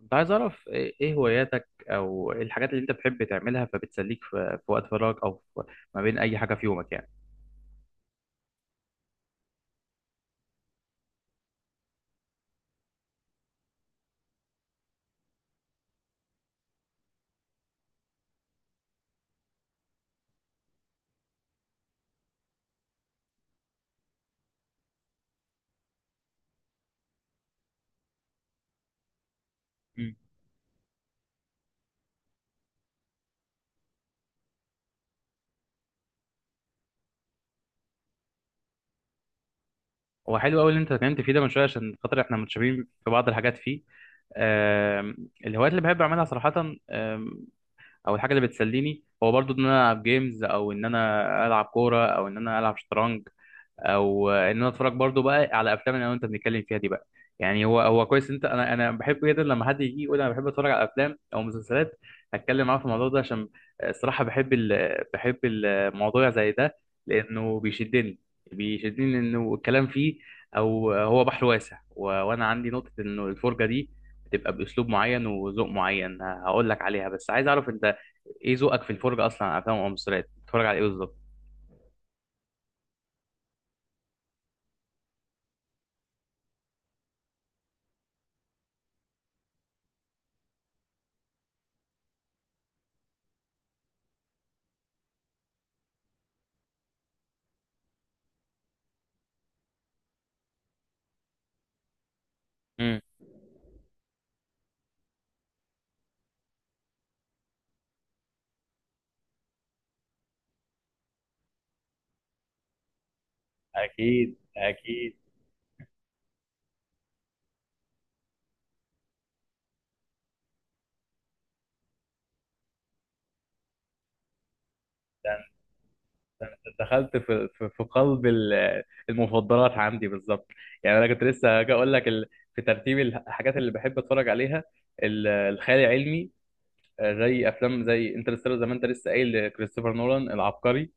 كنت عايز أعرف إيه هواياتك أو إيه الحاجات اللي أنت بتحب تعملها فبتسليك في وقت فراغك أو في ما بين أي حاجة في يومك يعني. مم. هو حلو أوي اللي أنت اتكلمت فيه ده من شوية عشان خاطر إحنا متشابهين في بعض الحاجات فيه. آم، الهوايات اللي بحب أعملها صراحة، آم، أو الحاجة اللي بتسليني هو برضو إن أنا ألعب جيمز أو إن أنا ألعب كورة أو إن أنا ألعب شطرنج، او ان انا اتفرج برضو بقى على افلام اللي انا وانت بنتكلم فيها دي بقى. يعني هو كويس، انت انا بحب جدا لما حد يجي يقول انا بحب اتفرج على افلام او مسلسلات اتكلم معاه في الموضوع ده، عشان الصراحه بحب بحب الموضوع زي ده لانه بيشدني. بيشدني لانه الكلام فيه او هو بحر واسع وانا عندي نقطه انه الفرجه دي بتبقى باسلوب معين وذوق معين، هقول لك عليها بس عايز اعرف انت ايه ذوقك في الفرجه، اصلا على افلام او مسلسلات بتتفرج على ايه بالظبط. مم. أكيد أكيد. دخلت في في قلب المفضلات عندي بالظبط. يعني انا كنت لسه هاجي اقول لك في ترتيب الحاجات اللي بحب اتفرج عليها، الخيال العلمي. زي افلام زي انترستيلر، زي ما انت لسه قايل لكريستوفر نولان العبقري.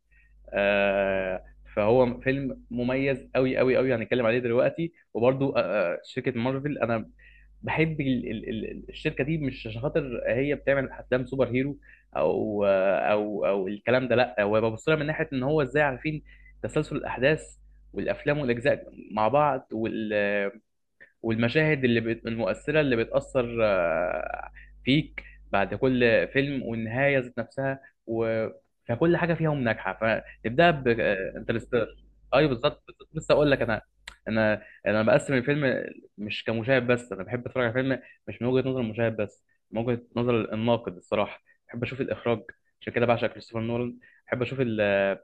آه، فهو فيلم مميز قوي قوي قوي، هنتكلم عليه دلوقتي. وبرضو، شركة مارفل، انا بحب الشركه دي مش عشان خاطر هي بتعمل افلام سوبر هيرو او الكلام ده، لا، هو ببص لها من ناحيه ان هو ازاي عارفين تسلسل الاحداث والافلام والاجزاء مع بعض، والمشاهد المؤثرة اللي بتأثر فيك بعد كل فيلم، والنهاية ذات نفسها، و... فكل حاجة فيهم ناجحة. فنبدأ ب انترستيلر. أيوه بالظبط بالظبط. لسه أقول لك، أنا بقسم الفيلم مش كمشاهد بس، أنا بحب أتفرج على فيلم مش من وجهة نظر المشاهد بس، من وجهة نظر الناقد الصراحة. بحب أشوف الإخراج، عشان كده بعشق كريستوفر نولان. بحب أشوف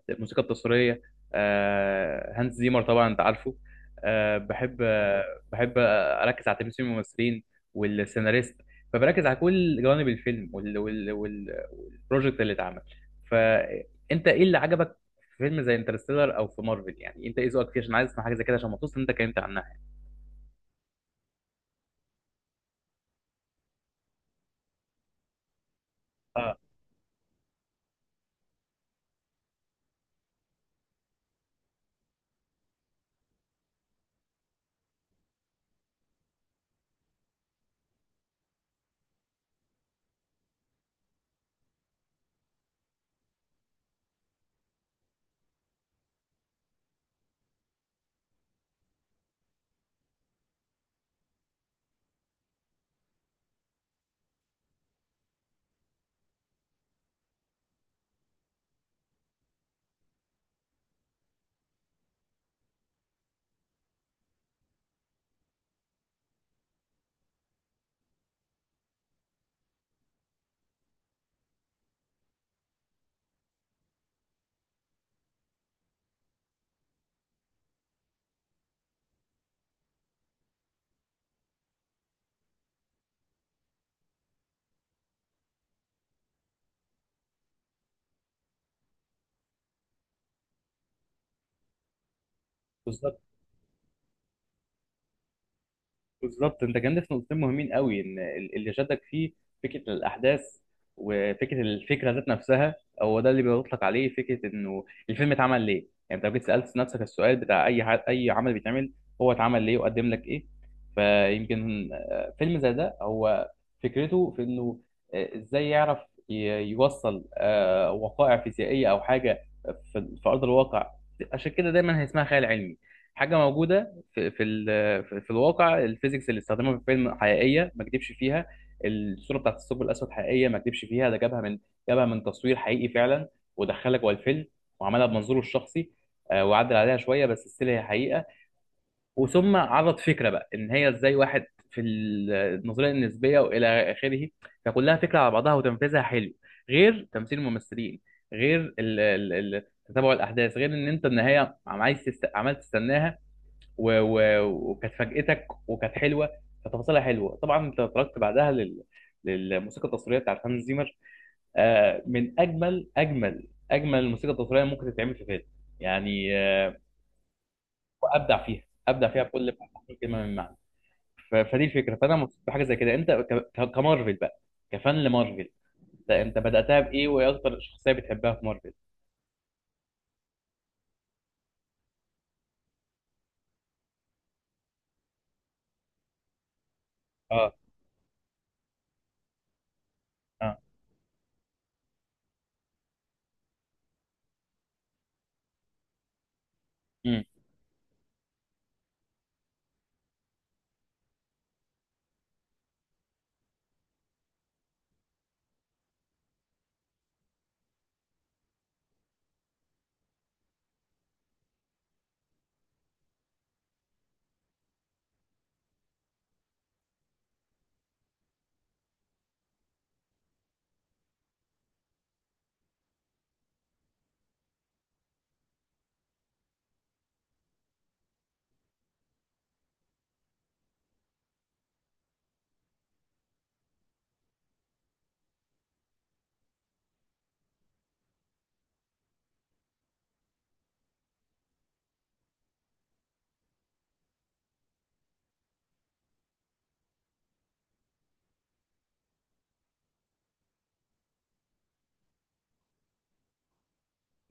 الموسيقى التصويرية، هانس زيمر طبعا أنت عارفه. آه، بحب آه، بحب اركز على تمثيل الممثلين والسيناريست، فبركز على كل جوانب الفيلم والبروجكت اللي اتعمل. فانت ايه اللي عجبك في فيلم زي انترستيلر او في مارفل، يعني انت ايه ذوقك فيه؟ عشان عايز اسمع حاجه زي كده، عشان مبسوط ان انت اتكلمت عنها. اه. بالظبط بالظبط. انت كان في نقطتين مهمين قوي ان اللي شدك فيه فكره الاحداث وفكره الفكره ذات نفسها. هو ده اللي بيطلق عليه فكره انه الفيلم اتعمل ليه. يعني انت لو جيت سالت نفسك السؤال بتاع اي اي عمل بيتعمل هو اتعمل ليه وقدم لك ايه. فيمكن فيلم زي ده هو فكرته في انه ازاي يعرف ي- يوصل وقائع فيزيائيه او حاجه في ارض الواقع. عشان كده دايما هي اسمها خيال علمي، حاجه موجوده في في ال- في في الواقع. الفيزيكس اللي استخدمها في الفيلم حقيقيه، ما كدبش فيها. الصوره بتاعت الثقب الاسود حقيقيه، ما كدبش فيها، ده جابها من تصوير حقيقي فعلا، ودخلها جوه الفيلم وعملها بمنظوره الشخصي، وعدل عليها شويه بس ستيل هي حقيقه. وثم عرض فكره بقى ان هي ازاي واحد في النظريه النسبيه والى اخره. فكلها فكره على بعضها، وتنفيذها حلو، غير تمثيل الممثلين، غير تتابع الاحداث، غير ان انت النهايه عايز عمال تستناها، و... و... وكانت فاجأتك وكانت حلوه. فتفاصيلها حلوه. طبعا انت تركت بعدها للموسيقى التصويريه بتاعت هانز زيمر، آه، من اجمل اجمل اجمل الموسيقى التصويريه ممكن تتعمل في فيلم. يعني آه، ابدع فيها، ابدع فيها بكل كلمه من معنى. فدي الفكره، فانا مبسوط بحاجه زي كده. انت كمارفل بقى، كفان لمارفل، انت بداتها بايه، وايه اكتر شخصيه بتحبها في مارفل؟ اه. اه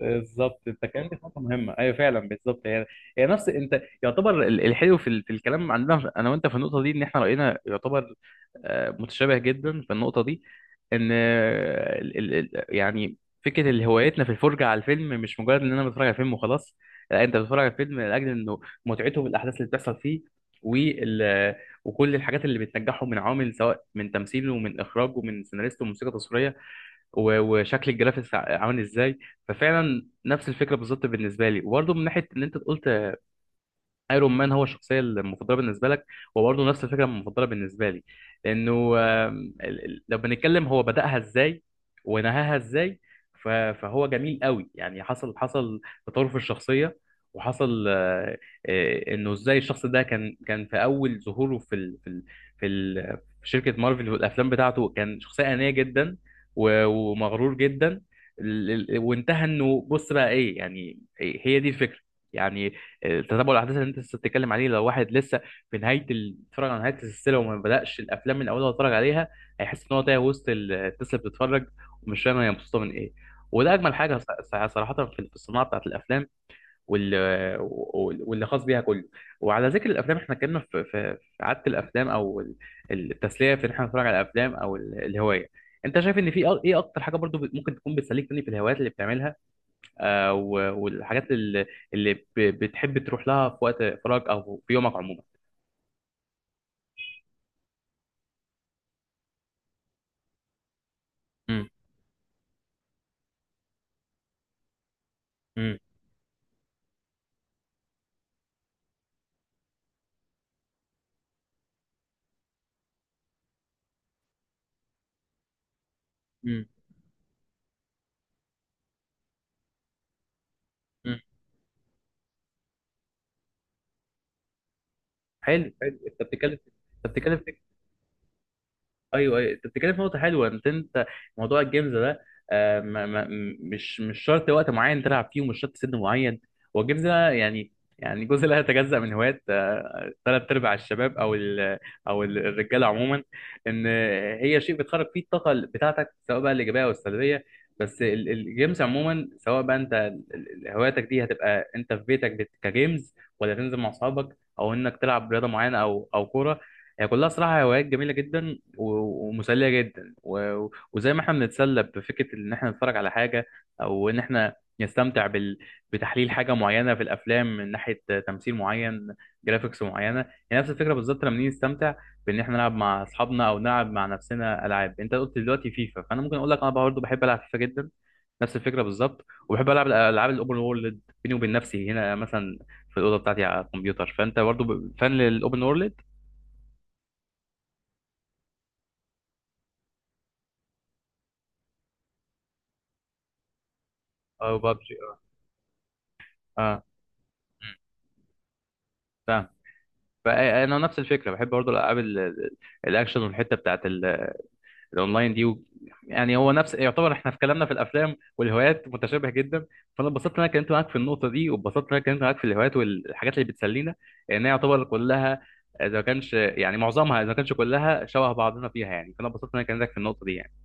بالظبط. انت كلمت في نقطه مهمه، ايوه فعلا بالظبط. هي نفس، انت يعتبر الحلو في في الكلام عندنا انا وانت في النقطه دي، ان احنا راينا يعتبر متشابه جدا في النقطه دي. ان يعني فكره اللي هوايتنا في الفرجه على الفيلم مش مجرد ان انا بتفرج على فيلم وخلاص، لا، انت بتتفرج على الفيلم لاجل انه متعته بالاحداث اللي بتحصل فيه، وال وكل الحاجات اللي بتنجحه من عوامل، سواء من تمثيله ومن اخراجه ومن سيناريسته وموسيقى تصويريه، وشكل الجرافيكس عامل ازاي. ففعلا نفس الفكره بالظبط بالنسبه لي. وبرضه من ناحيه ان انت قلت ايرون مان هو الشخصيه المفضله بالنسبه لك، وبرضه نفس الفكره المفضله بالنسبه لي، لانه لو بنتكلم هو بداها ازاي ونهاها ازاي. فهو جميل قوي. يعني حصل تطور في الشخصيه، وحصل انه ازاي الشخص ده كان في اول ظهوره في, ال في شركه مارفل والافلام بتاعته كان شخصيه انانيه جدا ومغرور جدا. وانتهى انه بص بقى ايه يعني. هي دي الفكره، يعني تتابع الاحداث اللي انت لسه بتتكلم عليه. لو واحد لسه في نهايه بيتفرج على نهايه السلسله وما بداش الافلام من اولها واتفرج عليها، هيحس ان هو تايه وسط الناس اللي بتتفرج، ومش فاهم هي مبسوطه من ايه. وده اجمل حاجه صراحه في في الصناعه بتاعت الافلام وال- واللي خاص بيها كله. وعلى ذكر الافلام، احنا اتكلمنا في في في عاده الافلام او التسليه في ان احنا نتفرج على الافلام او الهوايه. انت شايف ان في ايه اكتر حاجه برضو ممكن تكون بتسليك تاني في الهوايات اللي بتعملها، والحاجات اللي بتحب تروح لها في وقت فراغ او في يومك عموما؟ مم. مم. مم. مم. حلو حلو. انت بتتكلم، انت بتتكلم ايوه ايوه، انت بتتكلم في نقطه حلوه. انت موضوع الجيمز ده، آه، ما... ما... مش شرط وقت معين تلعب فيه، ومش شرط سن معين. هو الجيمز ده يعني، يعني جزء لا يتجزأ من هوايات ثلاث ارباع الشباب او الرجاله عموما. ان هي شيء بتخرج فيه الطاقه بتاعتك سواء بقى الايجابيه او السلبيه. بس الجيمز عموما، سواء بقى انت هواياتك دي هتبقى انت في بيتك كجيمز، ولا تنزل مع اصحابك، او انك تلعب رياضه معينه او كوره. هي كلها صراحه هوايات جميله جدا ومسليه جدا، وزي ما احنا بنتسلى بفكره ان احنا نتفرج على حاجه او ان احنا نستمتع بال... بتحليل حاجه معينه في الافلام من ناحيه تمثيل معين، جرافيكس معينه، هي نفس الفكره بالظبط لما نيجي نستمتع بان احنا نلعب مع اصحابنا او نلعب مع نفسنا العاب. انت قلت دلوقتي فيفا، فانا ممكن اقول لك انا برضه بحب العب فيفا جدا، نفس الفكره بالظبط. وبحب العب الالعاب الاوبن وورلد بيني وبين نفسي هنا، مثلا في الاوضه بتاعتي على الكمبيوتر، فانت برضه فان للاوبن وورلد. اه بابجي اه. اه. مم. فاهم. فانا نفس الفكره، بحب برضه الالعاب الاكشن والحته بتاعت الاونلاين دي يعني هو نفس يعتبر، احنا في كلامنا في الافلام والهوايات متشابه جدا. فانا اتبسطت ان انا اتكلمت معاك في النقطه دي، واتبسطت ان انا اتكلمت معاك في الهوايات والحاجات اللي بتسلينا، لان هي يعتبر كلها، اذا ما كانش يعني معظمها، اذا ما كانش كلها شبه بعضنا فيها يعني. فانا اتبسطت ان انا كلمتك في النقطه دي يعني.